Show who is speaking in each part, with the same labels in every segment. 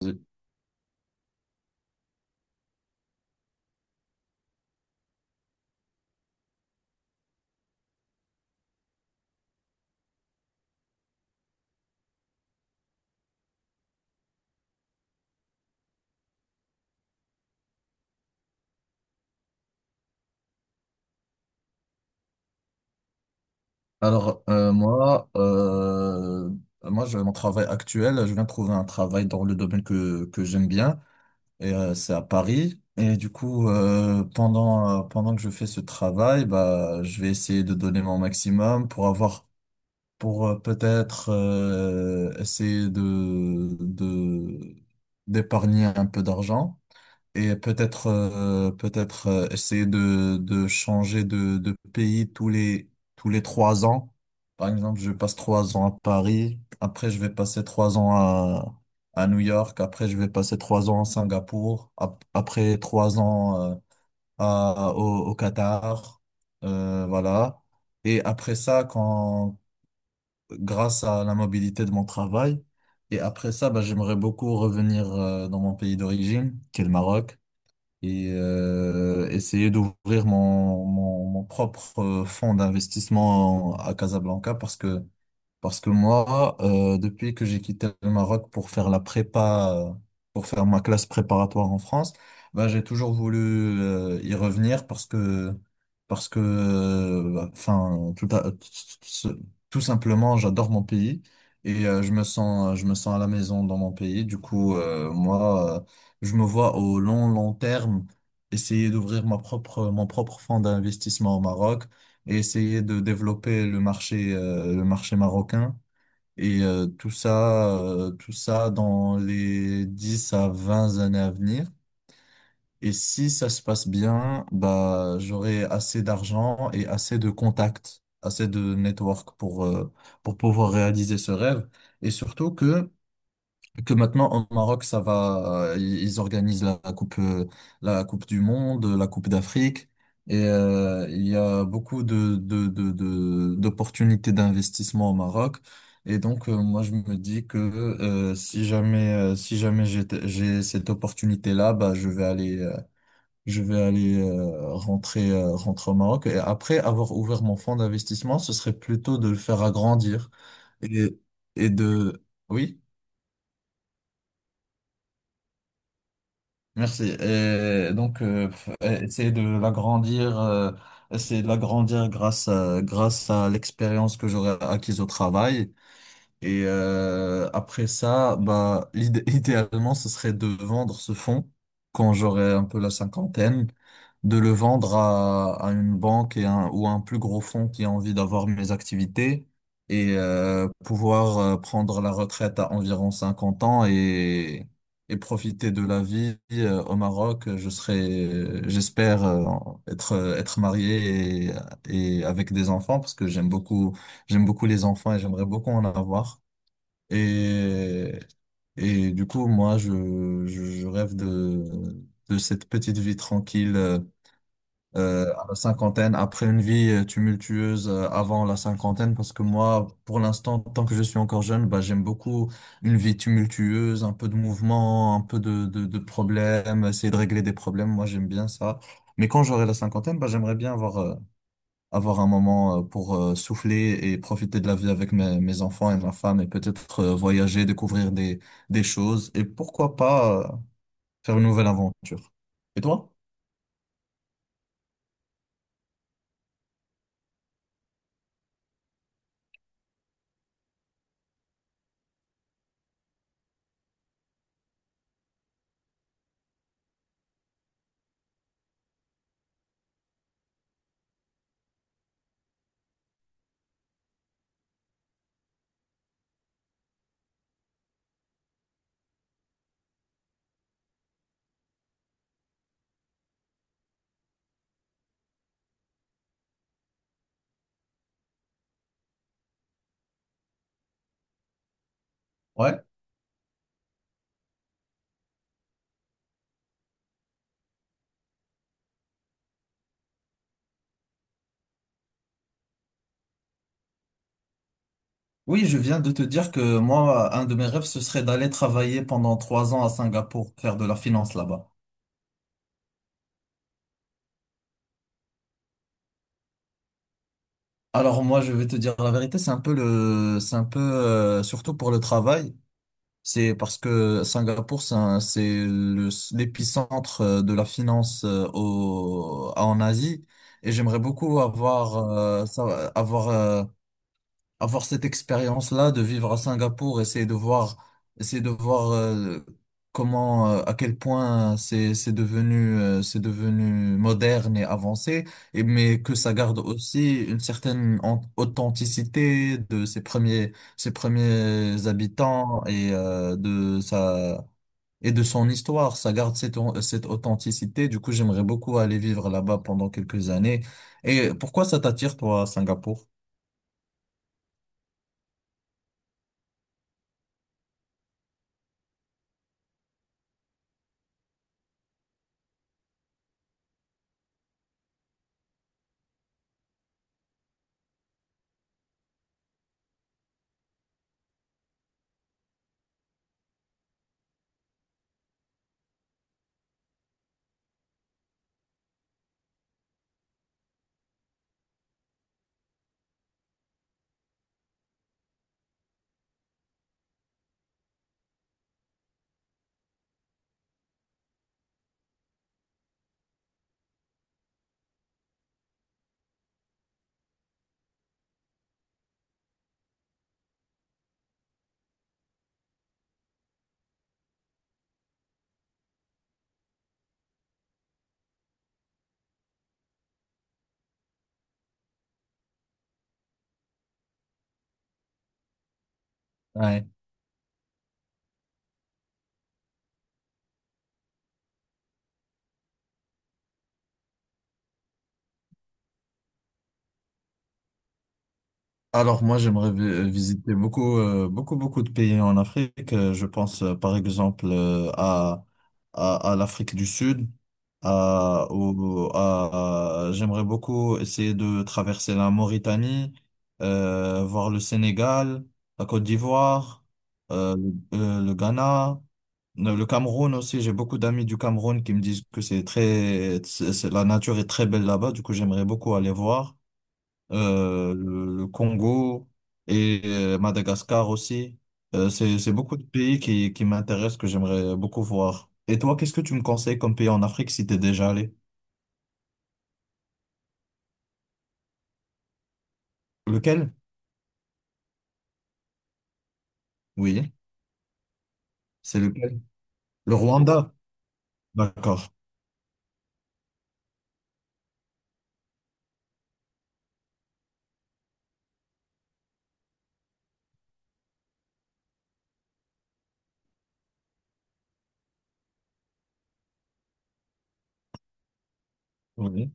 Speaker 1: Oui. Alors, moi, j'ai mon travail actuel. Je viens de trouver un travail dans le domaine que j'aime bien. Et c'est à Paris. Et du coup, pendant que je fais ce travail, bah, je vais essayer de donner mon maximum pour avoir, pour peut-être essayer d'épargner un peu d'argent. Et peut-être essayer de changer de pays tous les 3 ans. Par exemple, je passe 3 ans à Paris, après je vais passer 3 ans à New York, après je vais passer trois ans à Singapour, après 3 ans au Qatar, voilà. Et après ça, quand grâce à la mobilité de mon travail, et après ça, bah, j'aimerais beaucoup revenir dans mon pays d'origine, qui est le Maroc. Et essayer d'ouvrir mon propre fonds d'investissement à Casablanca, parce que moi, depuis que j'ai quitté le Maroc pour faire la prépa, pour faire ma classe préparatoire en France, bah, j'ai toujours voulu y revenir parce que, bah, enfin, tout, à- tout tout simplement, j'adore mon pays. Et je me sens à la maison dans mon pays. Du coup, moi, je me vois au long, long terme essayer d'ouvrir mon propre fonds d'investissement au Maroc et essayer de développer le marché marocain. Et tout ça dans les 10 à 20 années à venir. Et si ça se passe bien, bah, j'aurai assez d'argent et assez de contacts, assez de network pour pouvoir réaliser ce rêve. Et surtout que maintenant au Maroc, ça va. Ils organisent la coupe du monde, la coupe d'Afrique, et il y a beaucoup d'opportunités d'investissement au Maroc. Et donc moi, je me dis que si jamais j'ai cette opportunité là, bah je vais aller rentrer au Maroc, et après avoir ouvert mon fonds d'investissement, ce serait plutôt de le faire agrandir et et de oui. Merci. Et donc, essayer de l'agrandir grâce à l'expérience que j'aurai acquise au travail. Et après ça, bah, idéalement, ce serait de vendre ce fonds quand j'aurai un peu la cinquantaine, de le vendre à une banque ou à un plus gros fonds qui a envie d'avoir mes activités, et pouvoir prendre la retraite à environ 50 ans et profiter de la vie au Maroc. Je serai, j'espère, être marié et avec des enfants parce que j'aime beaucoup les enfants et j'aimerais beaucoup en avoir. Et, et du coup, moi, je rêve de cette petite vie tranquille à la cinquantaine, après une vie tumultueuse avant la cinquantaine, parce que moi, pour l'instant, tant que je suis encore jeune, bah, j'aime beaucoup une vie tumultueuse, un peu de mouvement, un peu de problèmes, essayer de régler des problèmes. Moi, j'aime bien ça. Mais quand j'aurai la cinquantaine, bah, j'aimerais bien avoir un moment pour souffler et profiter de la vie avec mes enfants et ma femme, et peut-être voyager, découvrir des choses et pourquoi pas faire une nouvelle aventure. Et toi? Ouais. Oui, je viens de te dire que moi, un de mes rêves, ce serait d'aller travailler pendant 3 ans à Singapour, faire de la finance là-bas. Alors moi, je vais te dire la vérité, c'est un peu c'est un peu, surtout pour le travail. C'est parce que Singapour, c'est un- c'est le- l'épicentre de la finance en Asie. Et j'aimerais beaucoup avoir, ça- avoir cette expérience-là de vivre à Singapour, essayer de voir comment, à quel point c'est devenu moderne et avancé, et mais que ça garde aussi une certaine authenticité de ses premiers habitants et de sa et de son histoire. Ça garde cette authenticité. Du coup, j'aimerais beaucoup aller vivre là-bas pendant quelques années. Et pourquoi ça t'attire, toi, à Singapour? Alors moi, j'aimerais visiter beaucoup, beaucoup, beaucoup de pays en Afrique. Je pense par exemple à l'Afrique du Sud. J'aimerais beaucoup essayer de traverser la Mauritanie, voir le Sénégal, la Côte d'Ivoire, euh, le Ghana, le Cameroun aussi. J'ai beaucoup d'amis du Cameroun qui me disent que c'est très, c'est- la nature est très belle là-bas. Du coup, j'aimerais beaucoup aller voir le Congo et Madagascar aussi. C'est beaucoup de pays qui m'intéressent, que j'aimerais beaucoup voir. Et toi, qu'est-ce que tu me conseilles comme pays en Afrique si t'es déjà allé? Lequel? Oui, c'est lequel? Le Rwanda. D'accord. Oui,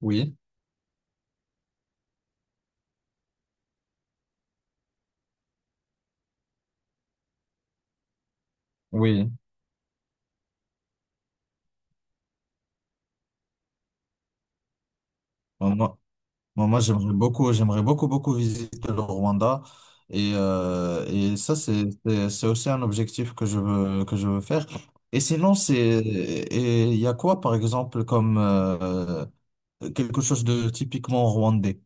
Speaker 1: oui, oui. On, moi, j'aimerais beaucoup, beaucoup visiter le Rwanda. Et ça, c'est aussi un objectif que je veux faire. Et sinon, et il y a quoi, par exemple, comme quelque chose de typiquement rwandais?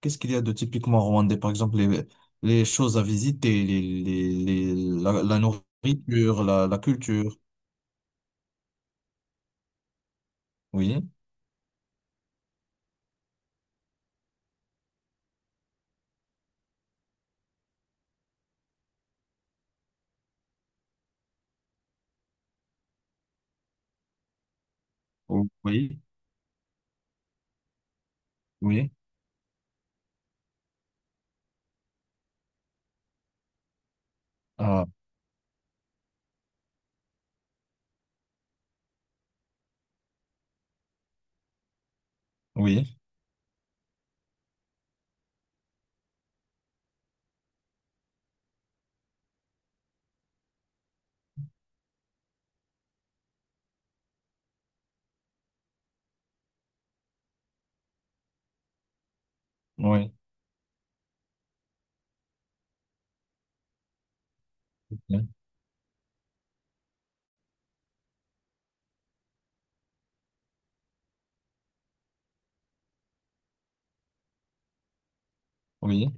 Speaker 1: Qu'est-ce qu'il y a de typiquement rwandais? Par exemple, les choses à visiter, la nourriture, la culture. Oui, oui, oui. Ah, oui, oui, oui.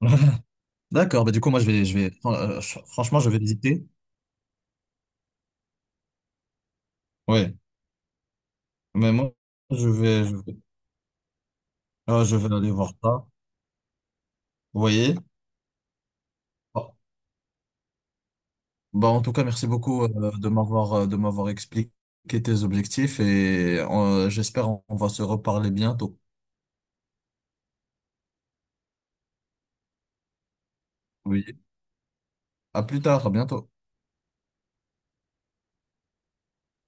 Speaker 1: D'accord, bah du coup, moi, je vais, fran- ch- franchement, je vais visiter. Ouais, mais moi, je vais, je vais, je vais aller voir ça. Vous voyez? Bon. Bah, en tout cas, merci beaucoup de m'avoir expliqué tes objectifs et j'espère on va se reparler bientôt. Oui. À plus tard, à bientôt.